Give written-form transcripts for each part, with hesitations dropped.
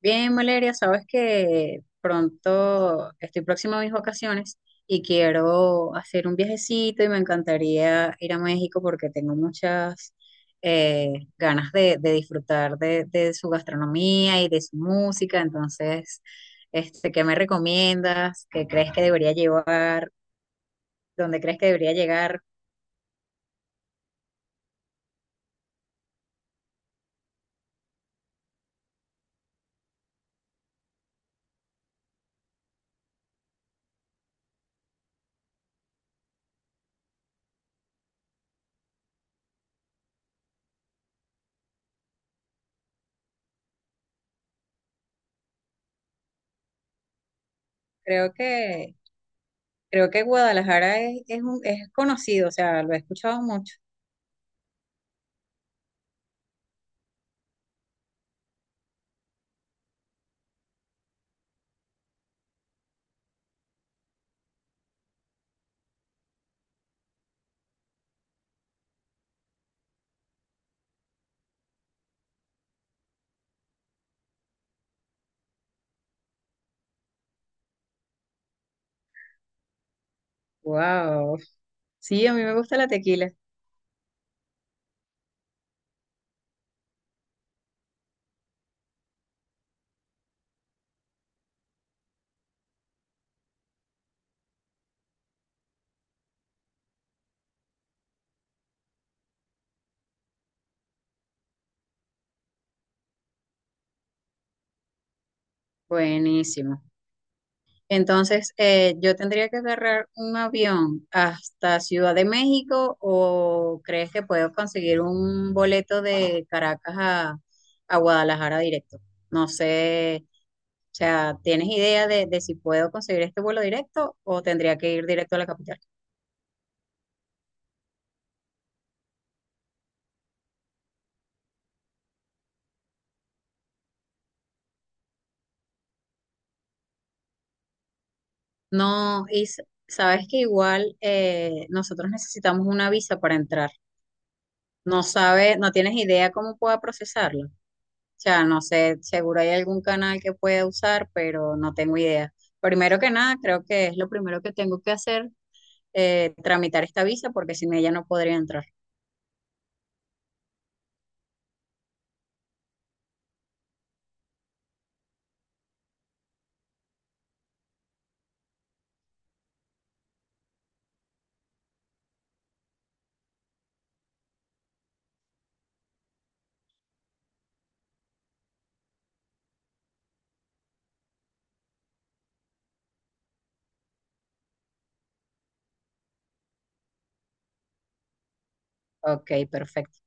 Bien, Valeria, sabes que pronto estoy próxima a mis vacaciones y quiero hacer un viajecito y me encantaría ir a México porque tengo muchas eh, ganas de disfrutar de su gastronomía y de su música. Entonces, este, ¿qué me recomiendas? ¿Qué crees que debería llevar? ¿Dónde crees que debería llegar? Creo que, creo que Guadalajara es es conocido, o sea, lo he escuchado mucho. Wow. Sí, a mí me gusta la tequila. Buenísimo. Entonces, yo tendría que agarrar un avión hasta Ciudad de México o crees que puedo conseguir un boleto de Caracas a Guadalajara directo? No sé, o sea, ¿tienes idea de si puedo conseguir este vuelo directo o tendría que ir directo a la capital? No, y sabes que igual nosotros necesitamos una visa para entrar. No sabes, no tienes idea cómo pueda procesarlo. O sea, no sé, seguro hay algún canal que pueda usar, pero no tengo idea. Primero que nada, creo que es lo primero que tengo que hacer, tramitar esta visa, porque sin ella no podría entrar. Ok, perfecto.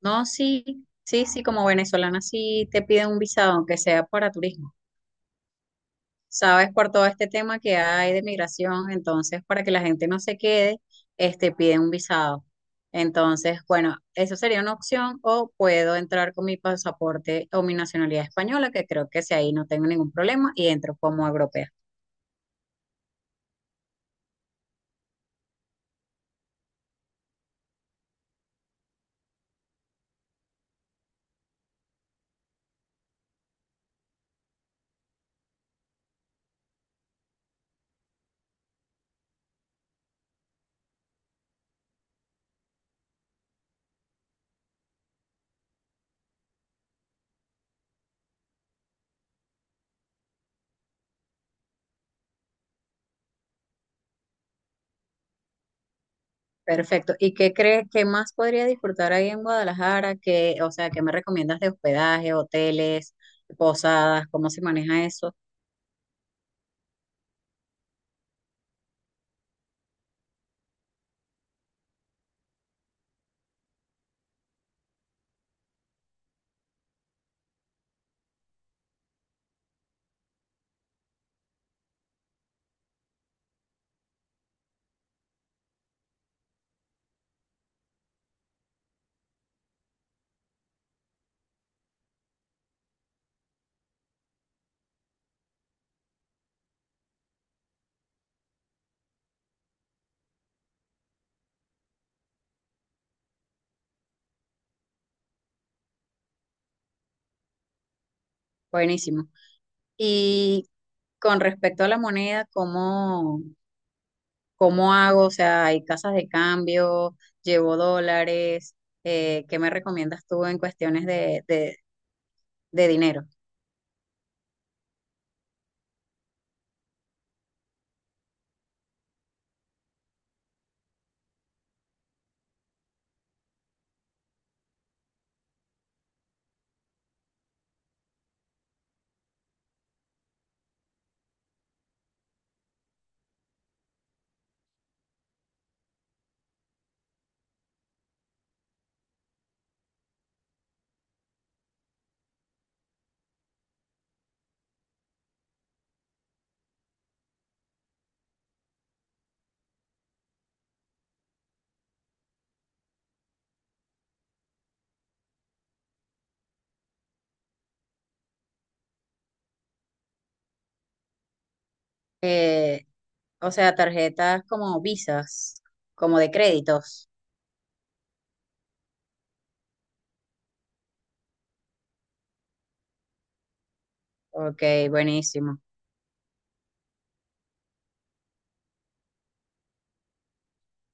No, sí, sí, sí, como venezolana sí te piden un visado, aunque sea para turismo. Sabes, por todo este tema que hay de migración, entonces para que la gente no se quede, este, pide un visado. Entonces, bueno, eso sería una opción o puedo entrar con mi pasaporte o mi nacionalidad española, que creo que si ahí no tengo ningún problema y entro como europea. Perfecto. ¿Y qué crees que más podría disfrutar ahí en Guadalajara? ¿Qué, o sea, qué me recomiendas de hospedaje, hoteles, posadas, cómo se maneja eso? Buenísimo. Y con respecto a la moneda, ¿cómo? ¿Cómo hago? O sea, hay casas de cambio, llevo dólares, ¿qué me recomiendas tú en cuestiones de dinero? Eh, o sea, tarjetas como visas, como de créditos. Ok, buenísimo.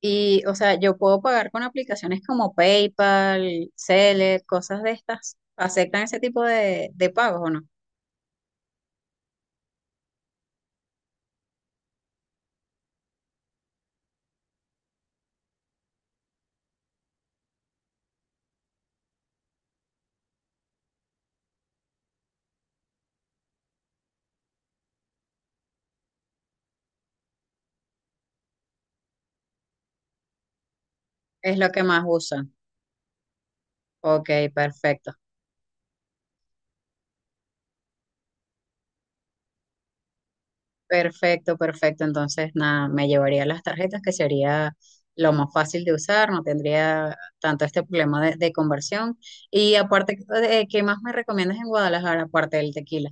Y, o sea, yo puedo pagar con aplicaciones como PayPal, Zelle, cosas de estas. ¿Aceptan ese tipo de pagos o no? Es lo que más usan. Ok, perfecto. Perfecto, perfecto. Entonces, nada, me llevaría las tarjetas, que sería lo más fácil de usar, no tendría tanto este problema de conversión. Y aparte, ¿qué más me recomiendas en Guadalajara, aparte del tequila?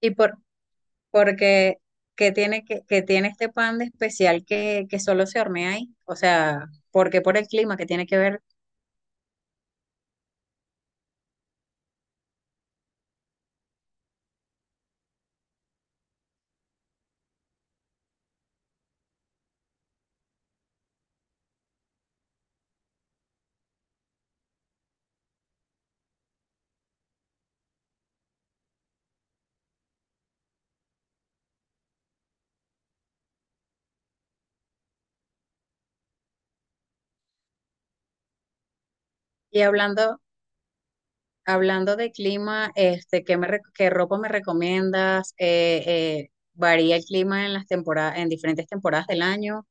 Y por, porque, ¿Qué tiene, que tiene este pan de especial que solo se hornea ahí? O sea, porque por el clima que tiene que ver? Y hablando, hablando de clima, este, qué ropa me recomiendas? Varía el clima en las temporadas, en diferentes temporadas del año.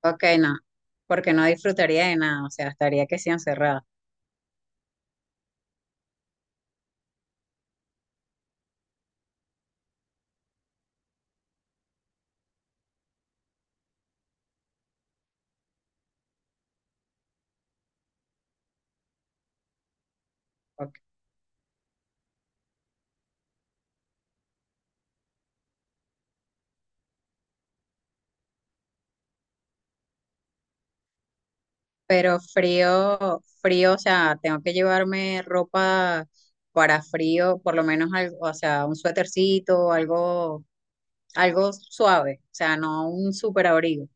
Ok, no, porque no disfrutaría de nada, o sea, estaría que sí encerrada. Ok. Pero frío, frío, o sea, tengo que llevarme ropa para frío, por lo menos algo, o sea, un suétercito, algo, algo suave, o sea, no un súper abrigo.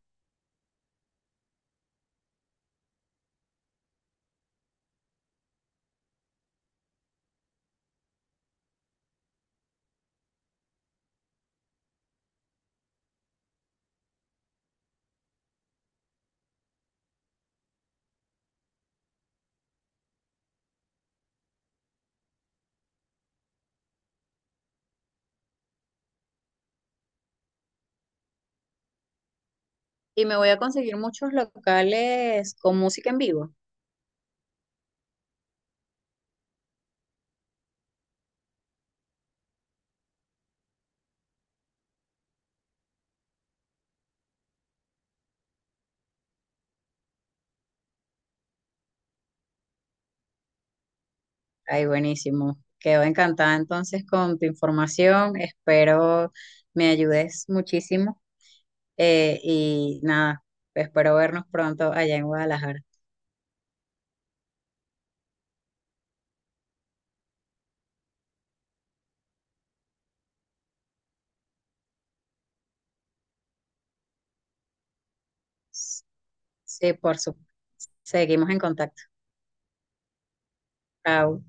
Y me voy a conseguir muchos locales con música en vivo. Ay, buenísimo. Quedo encantada entonces con tu información. Espero me ayudes muchísimo. Y nada, espero vernos pronto allá en Guadalajara. Sí, por supuesto. Seguimos en contacto. Chao.